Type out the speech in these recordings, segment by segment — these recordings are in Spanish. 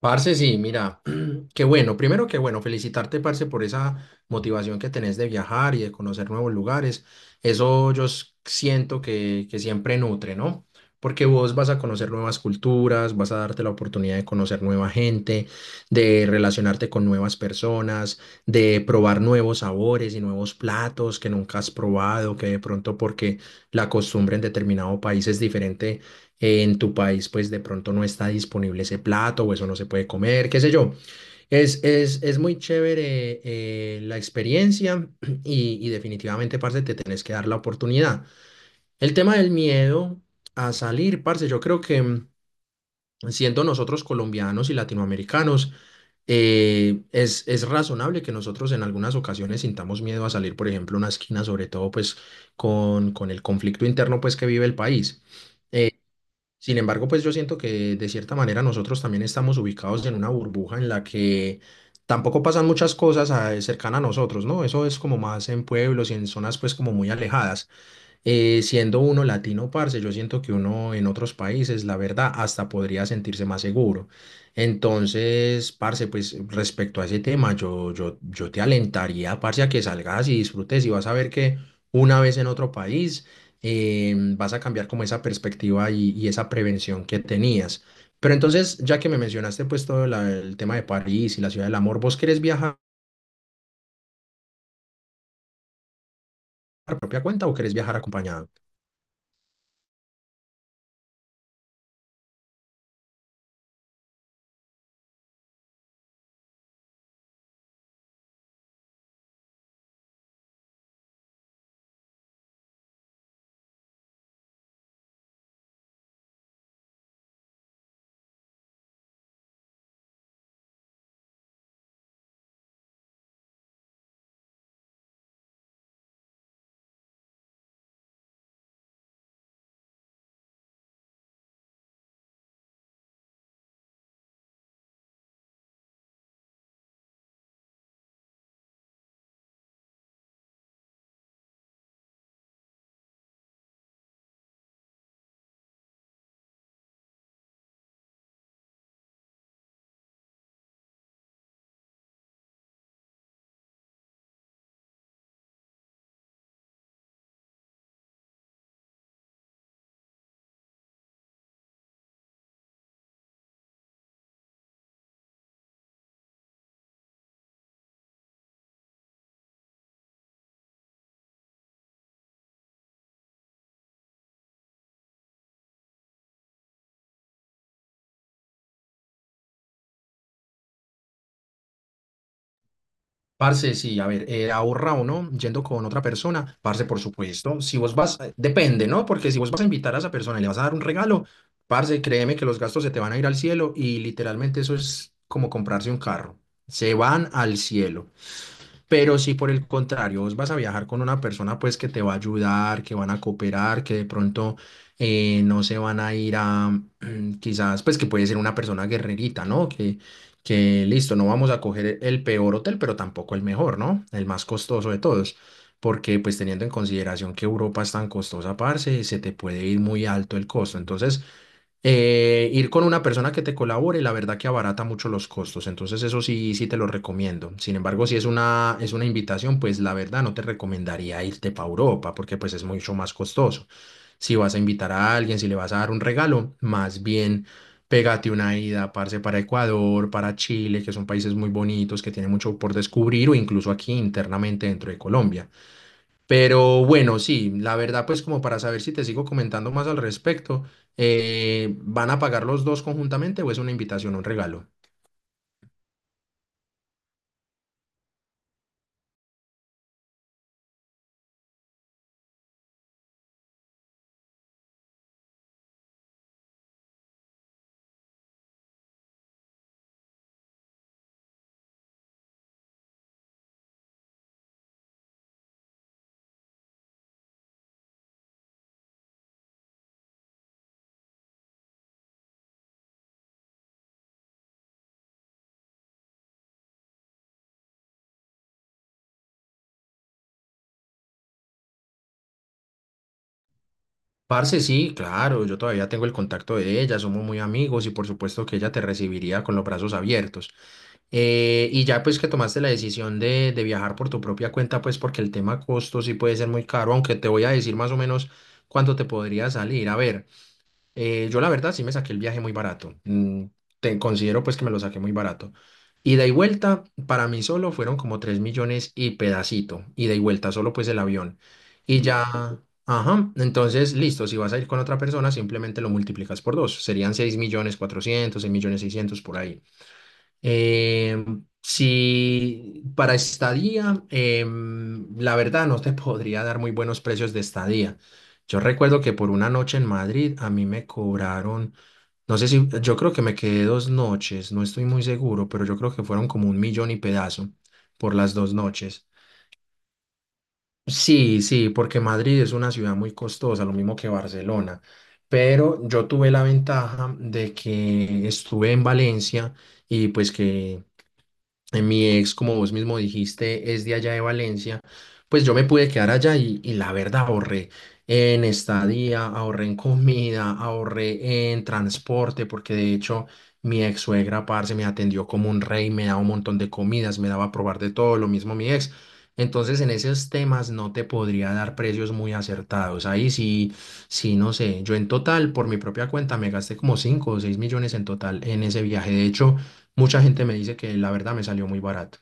Parce, sí, mira, qué bueno. Primero, qué bueno, felicitarte, parce, por esa motivación que tenés de viajar y de conocer nuevos lugares. Eso yo siento que siempre nutre, ¿no? Porque vos vas a conocer nuevas culturas, vas a darte la oportunidad de conocer nueva gente, de relacionarte con nuevas personas, de probar nuevos sabores y nuevos platos que nunca has probado, que de pronto porque la costumbre en determinado país es diferente en tu país pues de pronto no está disponible ese plato o eso no se puede comer, qué sé yo. Es muy chévere la experiencia y definitivamente, parce, te tenés que dar la oportunidad. El tema del miedo a salir, parce, yo creo que, siendo nosotros colombianos y latinoamericanos, es razonable que nosotros en algunas ocasiones sintamos miedo a salir, por ejemplo, a una esquina, sobre todo pues con el conflicto interno pues que vive el país. Sin embargo, pues yo siento que de cierta manera nosotros también estamos ubicados en una burbuja en la que tampoco pasan muchas cosas, cercanas a nosotros, ¿no? Eso es como más en pueblos y en zonas pues como muy alejadas. Siendo uno latino, parce, yo siento que uno en otros países, la verdad, hasta podría sentirse más seguro. Entonces, parce, pues respecto a ese tema, yo te alentaría, parce, a que salgas y disfrutes y vas a ver que una vez en otro país vas a cambiar como esa perspectiva y esa prevención que tenías. Pero entonces, ya que me mencionaste pues todo el tema de París y la ciudad del amor, ¿vos querés viajar por propia cuenta o querés viajar acompañado? Parce, sí, a ver, ahorra o no, yendo con otra persona, parce, por supuesto, si vos vas, depende, ¿no? Porque si vos vas a invitar a esa persona y le vas a dar un regalo, parce, créeme que los gastos se te van a ir al cielo y literalmente eso es como comprarse un carro, se van al cielo. Pero si por el contrario vos vas a viajar con una persona pues que te va a ayudar, que van a cooperar, que de pronto no se van a ir a quizás pues que puede ser una persona guerrerita, ¿no? Que listo, no vamos a coger el peor hotel, pero tampoco el mejor, ¿no? El más costoso de todos. Porque pues teniendo en consideración que Europa es tan costosa, parce, se te puede ir muy alto el costo. Entonces, ir con una persona que te colabore, la verdad que abarata mucho los costos, entonces eso sí, sí te lo recomiendo. Sin embargo, si es una invitación, pues la verdad no te recomendaría irte para Europa porque pues es mucho más costoso. Si vas a invitar a alguien, si le vas a dar un regalo, más bien pégate una ida, parce, para Ecuador, para Chile, que son países muy bonitos, que tienen mucho por descubrir o incluso aquí internamente dentro de Colombia. Pero bueno, sí, la verdad, pues como para saber si te sigo comentando más al respecto, ¿van a pagar los dos conjuntamente o es una invitación, un regalo? Parce, sí, claro, yo todavía tengo el contacto de ella, somos muy amigos y por supuesto que ella te recibiría con los brazos abiertos. Y ya pues que tomaste la decisión de viajar por tu propia cuenta, pues porque el tema costo sí puede ser muy caro, aunque te voy a decir más o menos cuánto te podría salir. A ver. Yo la verdad sí me saqué el viaje muy barato. Te considero pues que me lo saqué muy barato. Ida y vuelta para mí solo fueron como 3 millones y pedacito. Ida y vuelta solo pues el avión. Ya, ajá, entonces listo, si vas a ir con otra persona simplemente lo multiplicas por dos. Serían 6 millones 400 6 millones 600 por ahí. Si para estadía, la verdad no te podría dar muy buenos precios de estadía. Yo recuerdo que por una noche en Madrid a mí me cobraron, no sé si, yo creo que me quedé 2 noches, no estoy muy seguro, pero yo creo que fueron como un millón y pedazo por las 2 noches. Sí, sí, porque Madrid es una ciudad muy costosa, lo mismo que Barcelona, pero yo tuve la ventaja de que estuve en Valencia y pues que mi ex, como vos mismo dijiste, es de allá de Valencia. Pues yo me pude quedar allá y la verdad ahorré en estadía, ahorré en comida, ahorré en transporte, porque de hecho mi ex suegra, parce, me atendió como un rey, me daba un montón de comidas, me daba a probar de todo, lo mismo mi ex. Entonces en esos temas no te podría dar precios muy acertados. Ahí sí, sí, no sé. Yo en total, por mi propia cuenta, me gasté como 5 o 6 millones en total en ese viaje. De hecho, mucha gente me dice que la verdad me salió muy barato.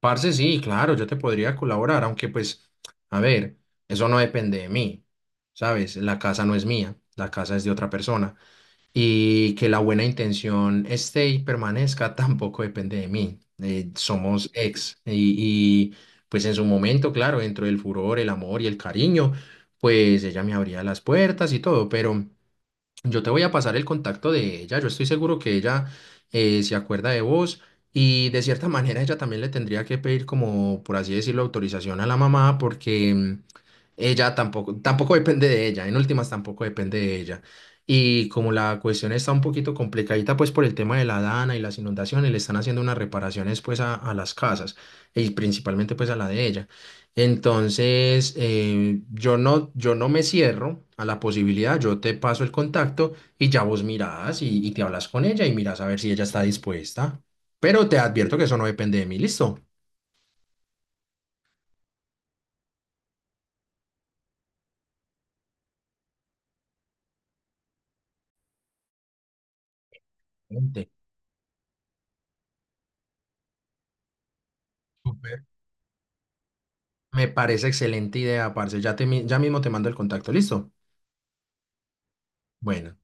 Parce, sí, claro, yo te podría colaborar, aunque pues, a ver, eso no depende de mí, ¿sabes? La casa no es mía, la casa es de otra persona. Y que la buena intención esté y permanezca tampoco depende de mí. Somos ex. Pues en su momento, claro, dentro del furor, el amor y el cariño, pues ella me abría las puertas y todo, pero... Yo te voy a pasar el contacto de ella. Yo estoy seguro que ella se acuerda de vos y de cierta manera ella también le tendría que pedir como, por así decirlo, autorización a la mamá porque ella tampoco, tampoco depende de ella. En últimas tampoco depende de ella. Y como la cuestión está un poquito complicadita pues por el tema de la dana y las inundaciones, le están haciendo unas reparaciones pues a las casas y principalmente pues a la de ella. Entonces, yo no me cierro a la posibilidad, yo te paso el contacto y ya vos mirás y te hablas con ella y mirás a ver si ella está dispuesta. Pero te advierto que eso no depende de mí, listo. Excelente. Súper. Me parece excelente idea, parce. Ya mismo te mando el contacto, listo. Bueno.